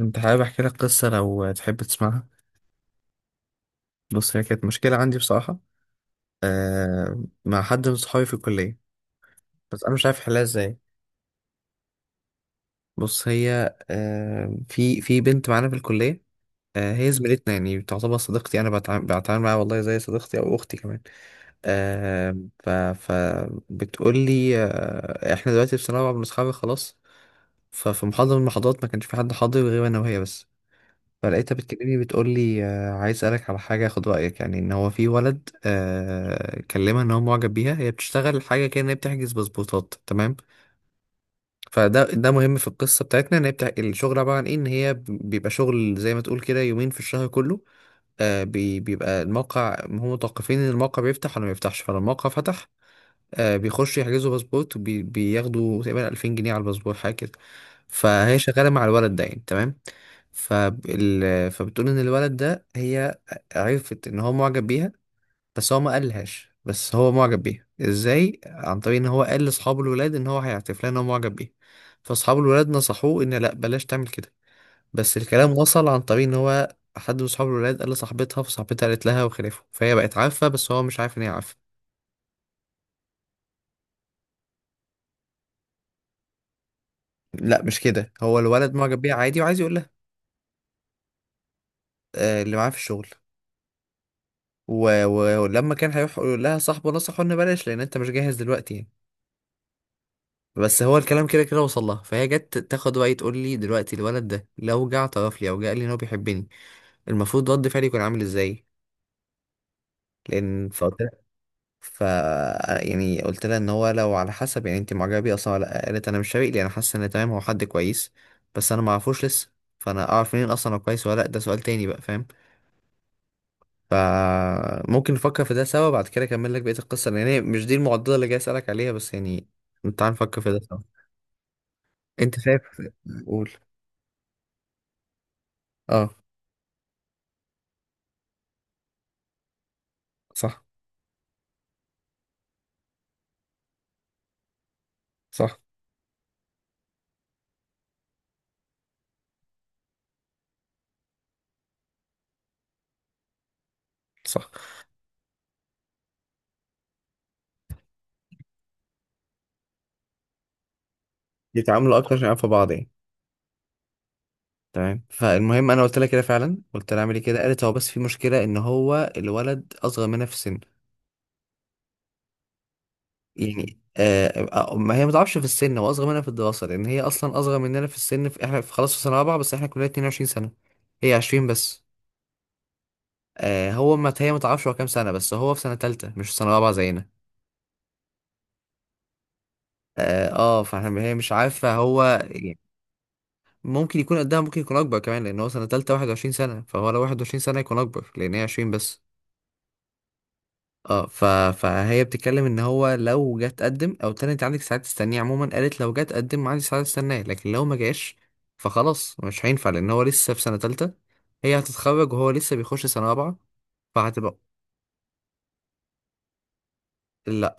انت حابب احكي لك قصه لو تحب تسمعها؟ بص، هي كانت مشكله عندي بصراحه. مع حد من صحابي في الكليه. بس انا مش عارف احلها ازاي. بص، هي في بنت معانا في الكليه. هي زميلتنا، يعني تعتبر صديقتي. انا بتعامل معاها والله زي صديقتي او اختي كمان. آه فبتقول لي: احنا دلوقتي في سنه رابعه بنتخرج خلاص. ففي محاضره من المحاضرات ما كانش في حد حاضر غير انا وهي بس. فلقيتها بتكلمني بتقول لي: عايز اسالك على حاجه، اخد رايك، يعني ان هو في ولد كلمها ان هو معجب بيها. هي بتشتغل حاجه كده، ان هي بتحجز باسبورتات، تمام. فده مهم في القصه بتاعتنا، ان هي بتاع الشغل عباره عن ايه، ان هي بيبقى شغل زي ما تقول كده يومين في الشهر كله. بيبقى الموقع، هم متوقفين ان الموقع بيفتح ولا ما بيفتحش، فلو الموقع فتح بيخشوا يحجزوا باسبورت وبياخدوا تقريبا 2000 جنيه على الباسبور حاجه كده. فهي شغاله مع الولد ده يعني، تمام. فبتقول ان الولد ده، هي عرفت ان هو معجب بيها. بس هو ما قالهاش، بس هو معجب بيها ازاي؟ عن طريق ان هو قال لاصحاب الولاد ان هو هيعترف لها ان هو معجب بيها. فاصحاب الولاد نصحوه ان لا، بلاش تعمل كده. بس الكلام وصل، عن طريق ان هو حد من اصحاب الولاد قال لصاحبتها، فصاحبتها قالت لها وخلافه، فهي بقت عارفه بس هو مش عارف ان هي عارفه. لا، مش كده، هو الولد معجب بيها عادي وعايز يقول لها. اللي معاه في الشغل. ولما كان هيروح يقول لها، صاحبه نصحه ان بلاش، لان انت مش جاهز دلوقتي يعني. بس هو الكلام كده كده وصل لها. فهي جت تاخد وقت تقول لي: دلوقتي الولد ده لو جه اعترف لي او جه قال لي ان هو بيحبني، المفروض رد فعلي يكون عامل ازاي؟ لان فقلت لها ف يعني قلت لها ان هو لو، على حسب، يعني انت معجبه بيه اصلا ولا لأ؟ قالت: انا مش شايف لي، انا حاسه ان تمام، هو حد كويس، بس انا ما اعرفوش لسه. فانا اعرف منين اصلا هو كويس ولا لا؟ ده سؤال تاني بقى، فاهم. فممكن نفكر في ده سوا. بعد كده اكمل لك بقية القصة، لان هي مش دي المعضلة اللي جاي اسألك عليها، بس يعني تعال نفكر في ده سوا. انت شايف. قول. اه، صح، صح، صح. يتعاملوا اكتر عشان يعرفوا بعض يعني، تمام. فالمهم، انا قلت لها كده فعلا، قلت لها اعملي كده. قالت: هو بس في مشكلة، ان هو الولد اصغر منها في السن. يعني ما هي ما تعرفش في السن، هو اصغر منها في الدراسة. لان هي اصلا اصغر مننا في السن، في احنا، في خلاص في سنة رابعة، بس احنا كلنا 22 سنة، هي 20 بس. هو ما هي ما تعرفش هو كام سنة، بس هو في سنة تالتة مش في سنة رابعة زينا. فاحنا هي مش عارفة هو يعني ممكن يكون قدها، ممكن يكون أكبر كمان، لأن هو سنة تالتة، 21 سنة، فهو لو 21 سنة يكون أكبر، لأن هي 20 بس. اه ف... فهي بتتكلم ان هو لو جه تقدم، او تاني انت عندك ساعات تستنيه عموما. قالت: لو جه تقدم عندي ساعات استناه، لكن لو ما جاش فخلاص مش هينفع، لان هو لسه في سنة تالتة. هي هتتخرج وهو لسه بيخش سنة رابعة، فهتبقى. لا،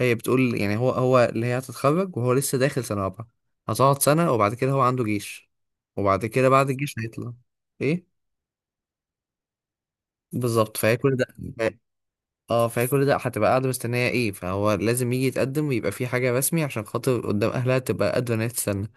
هي بتقول يعني هو اللي هي هتتخرج وهو لسه داخل سنة رابعة، هتقعد سنة، وبعد كده هو عنده جيش، وبعد كده بعد الجيش هيطلع. ايه بالظبط. فهي كل ده ف- اه فهي كل ده هتبقى قاعدة مستنية، ايه، فهو لازم يجي يتقدم ويبقى في حاجة رسمي، عشان خاطر قدام اهلها تبقى قادرة ان هي تستنى.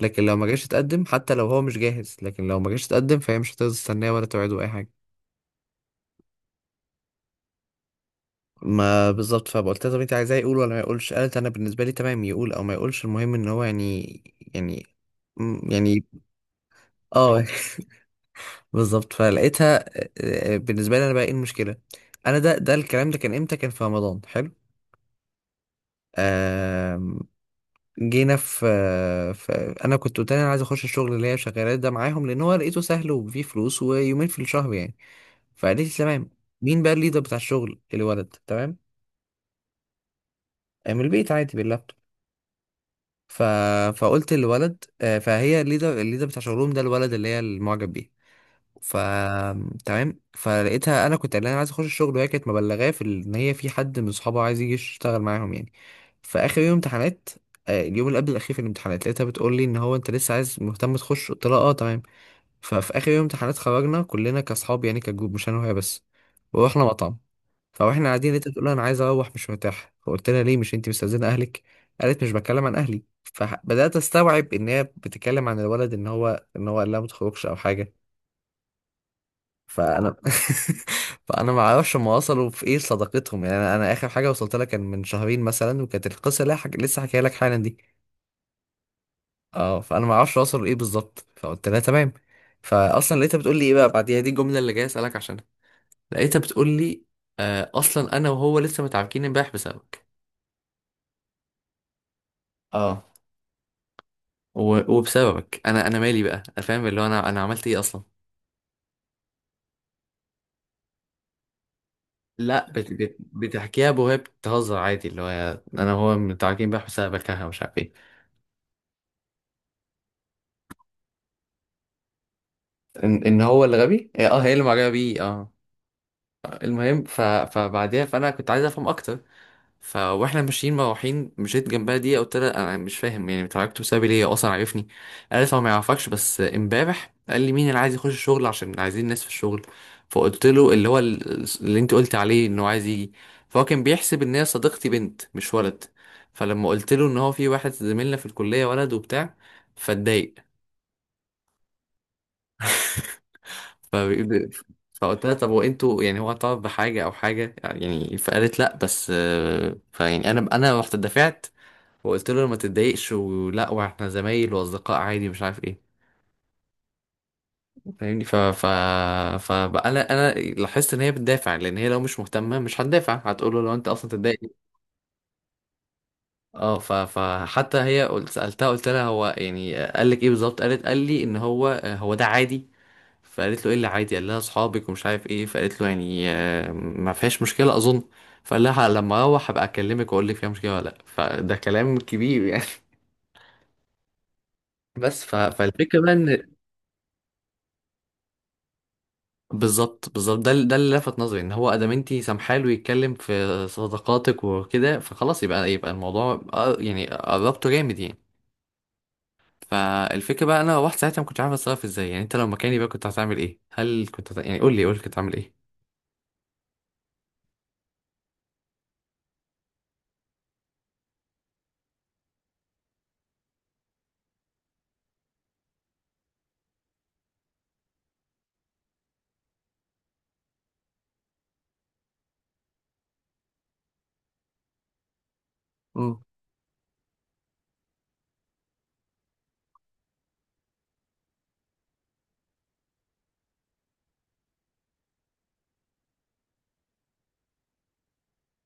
لكن لو ما جاش يتقدم، حتى لو هو مش جاهز، لكن لو ما جاش يتقدم فهي مش هتقدر تستناه ولا توعده اي حاجة. ما بالظبط. فقلت لها: طب انت عايزاه يقول ولا ما يقولش؟ قالت: انا بالنسبة لي تمام يقول او ما يقولش، المهم ان هو يعني، يعني يعني. اه. بالظبط. فلقيتها بالنسبه لي انا بقى ايه المشكله؟ انا ده الكلام ده كان امتى؟ كان في رمضان حلو. آم، جينا في، في، انا كنت قلت لها انا عايز اخش الشغل اللي هي شغاله ده معاهم، لان هو لقيته سهل وفيه فلوس ويومين في الشهر يعني. فقالت لي: تمام. مين بقى الليدر بتاع الشغل؟ الولد، تمام. من البيت عادي باللابتوب. ف... فقلت للولد فهي الليدر بتاع شغلهم ده الولد اللي هي المعجب بيه. ف، تمام. فلقيتها، انا كنت قايل لها عايز اخش الشغل، وهي كانت مبلغاه ان هي في حد من صحابها عايز يجي يشتغل معاهم يعني. فاخر يوم امتحانات، اليوم اللي قبل الاخير في الامتحانات، لقيتها بتقول لي ان هو انت لسه عايز مهتم تخش؟ قلت لها: اه، تمام. ففي اخر يوم امتحانات خرجنا كلنا كاصحاب، يعني كجروب، مش انا وهي بس، ورحنا مطعم. فاحنا قاعدين، لقيتها بتقول لي: انا عايز اروح، مش مرتاحه. فقلت لها: ليه، مش انت مستاذنه اهلك؟ قالت: مش بتكلم عن اهلي. فبدات استوعب ان هي بتتكلم عن الولد، ان هو قال لها ما تخرجش او حاجه. فانا فانا ما اعرفش هم وصلوا في ايه صداقتهم، يعني انا، اخر حاجه وصلت لها كان من شهرين مثلا، وكانت القصه اللي لسه حكيها لك حالا دي. اه، فانا ما اعرفش وصلوا لايه بالظبط. فقلت لها تمام. فاصلا لقيتها بتقول لي ايه بقى بعديها؟ دي الجمله اللي جاي اسالك عشانها. لقيتها بتقول لي: اصلا انا وهو لسه متعاركين امبارح بسببك. اه. وبسببك انا، مالي بقى؟ أنا فاهم اللي هو انا، عملت ايه اصلا؟ لا بتحكيها، بوهي بتهزر عادي، اللي هو انا وهو متعاركين امبارح بسببك، ها، مش عارف ايه. ان هو اللي غبي، هي اللي معجبه بيه، اه. المهم فبعديها، فانا كنت عايز افهم اكتر. ف، واحنا ماشيين مروحين مشيت جنبها دي، قلت لها: انا مش فاهم يعني، اتعرفتوا بسببي ليه، هو اصلا عارفني؟ قالت: هو ما يعرفكش، بس امبارح قال لي مين اللي عايز يخش الشغل، عشان عايزين ناس في الشغل. فقلت له اللي هو، اللي انت قلت عليه انه عايز يجي. فهو كان بيحسب ان هي صديقتي بنت مش ولد. فلما قلت له ان هو في واحد زميلنا في الكليه ولد وبتاع، فاتضايق. فبيقول. فقلت لها: طب وانتوا يعني هو طلب بحاجة أو حاجة يعني؟ فقالت: لأ، بس فيعني أنا، رحت دفعت، وقلت له ما تتضايقش ولا، واحنا زمايل وأصدقاء عادي، مش عارف ايه. فاهمني. ف ف فبقى انا، لاحظت ان هي بتدافع، لان هي لو مش مهتمه مش هتدافع، هتقول له لو انت اصلا تتضايق. اه ف فحتى هي، قلت سالتها، قلت لها: هو يعني قال لك ايه بالظبط؟ قالت: قال لي ان هو، هو ده عادي. فقالت له: ايه اللي عادي؟ قال لها: اصحابك ومش عارف ايه. فقالت له: يعني ما فيهاش مشكله اظن. فقال لها: لما اروح هبقى اكلمك واقول لك فيها مشكله ولا لا. فده كلام كبير يعني. بس فالفكره بقى ان، بالظبط بالظبط، ده اللي لفت نظري، ان هو ادام انت سامحاله يتكلم في صداقاتك وكده، فخلاص يبقى، الموضوع يعني قربته جامد يعني. فالفكره بقى، انا رحت ساعتها ما كنتش عارف اتصرف ازاي. يعني انت لو مكاني بقى كنت هتعمل ايه؟ هل كنت يعني قول لي، قول لي كنت هتعمل ايه؟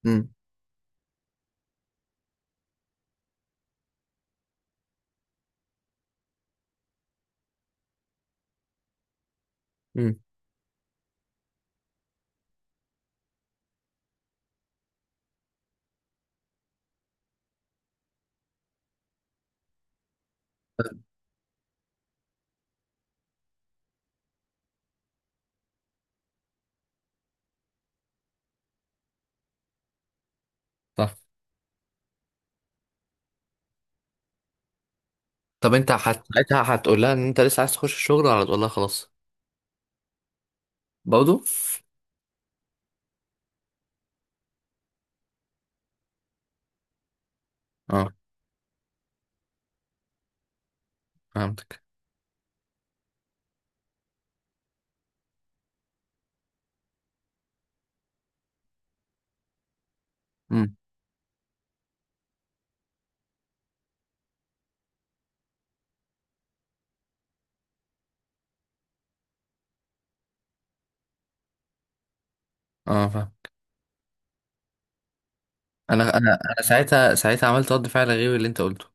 امم امم صح. طب انت ساعتها هتقول لها ان انت لسه عايز تخش الشغل ولا هتقول لها خلاص؟ برضه. اه، فهمتك. امم اه، فاهم. انا ساعتها عملت رد فعل غير اللي انت قلته.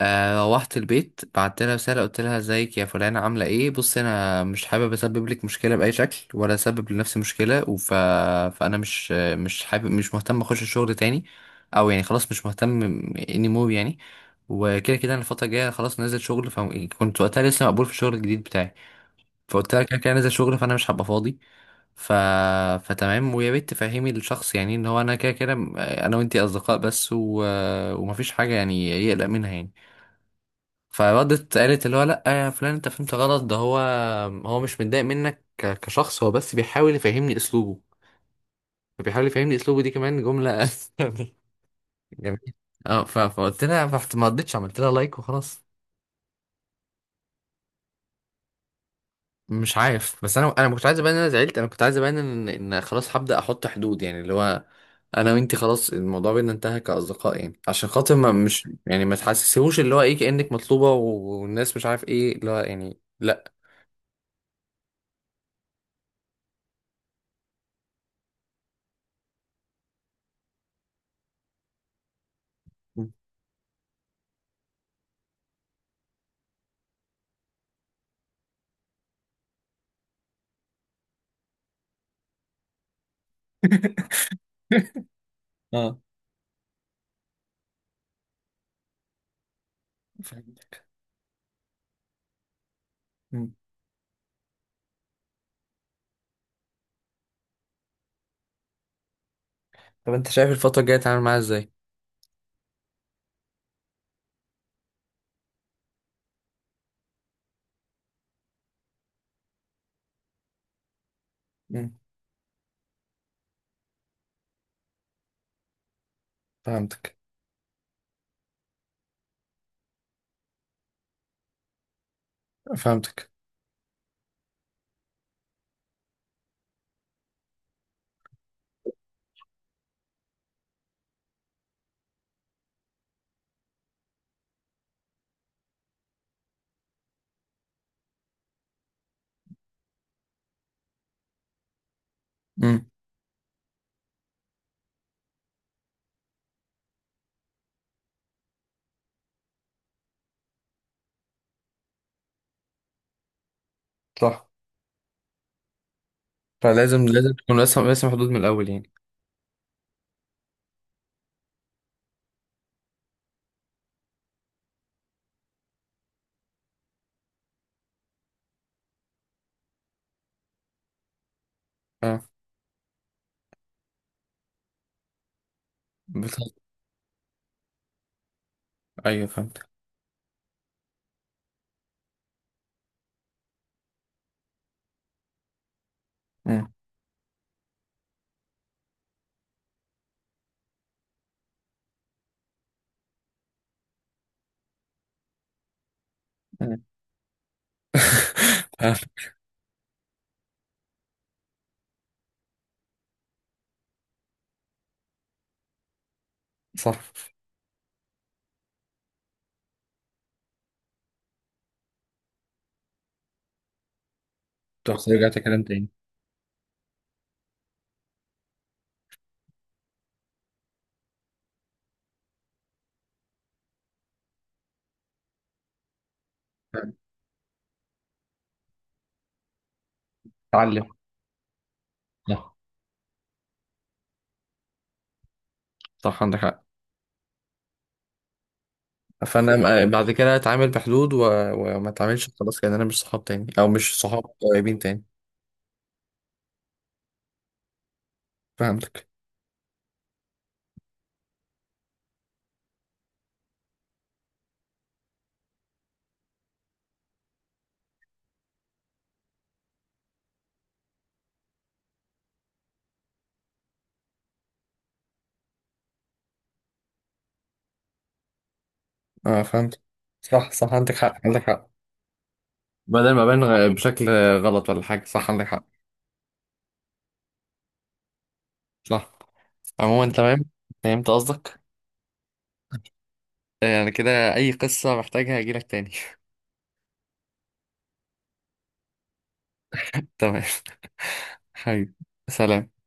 روحت البيت، بعت لها رساله، قلت لها: ازيك يا فلانه، عامله ايه؟ بص انا مش حابب اسبب لك مشكله باي شكل ولا اسبب لنفسي مشكله، فانا مش، حابب، مش مهتم اخش الشغل تاني، او يعني خلاص مش مهتم، اني مور يعني. وكده كده انا الفتره الجايه خلاص نازل شغل، فكنت وقتها لسه مقبول في الشغل الجديد بتاعي. فقلت لها كده كده نازل شغل، فانا مش هبقى فاضي. ف... فتمام، ويا ريت تفهمي الشخص يعني ان هو انا كده كده انا وانتي اصدقاء بس، ومفيش حاجه يعني يقلق منها يعني. فردت قالت اللي هو: لا يا فلان، انت فهمت غلط، ده هو، هو مش متضايق منك كشخص، هو بس بيحاول يفهمني اسلوبه. فبيحاول يفهمني اسلوبه، دي كمان جمله. جميل. اه. فقلت لها، ما ردتش، عملت لها لايك وخلاص. مش عارف، بس انا، ما كنتش عايز ابان ان انا زعلت، انا كنت عايز ابان ان، خلاص هبدا احط حدود يعني، اللي هو انا وانتي خلاص الموضوع بينا انتهى كاصدقاء، يعني عشان خاطر ما، مش يعني ما تحسسيهوش اللي هو ايه، كانك مطلوبه والناس مش عارف ايه، اللي هو يعني لا. مم. اه، فهمت. مم. طب انت شايف الفتره الجايه تتعامل معاها ازاي؟ مم. فهمتك. فهمتك. مم. صح. فلازم، تكون راسم، حدود من الاول يعني. اه، بتهزر. ايوه، فهمتك. مم. مم. فهمت. صح. تروح رجعت كلام تاني. اتعلم. صح، صح، عندك حق. فانا بعد كده اتعامل بحدود وما اتعاملش خلاص كان انا مش صحاب تاني، او مش صحاب قريبين تاني. فهمتك. اه، فهمت، صح، صح، عندك حق، عندك حق. بدل ما ابان بشكل غلط ولا حاجه، صح عندك حق. صح. عموما تمام. فهمت قصدك. يعني كده اي قصه محتاجها هجيلك تاني. تمام. حبيبي، سلام.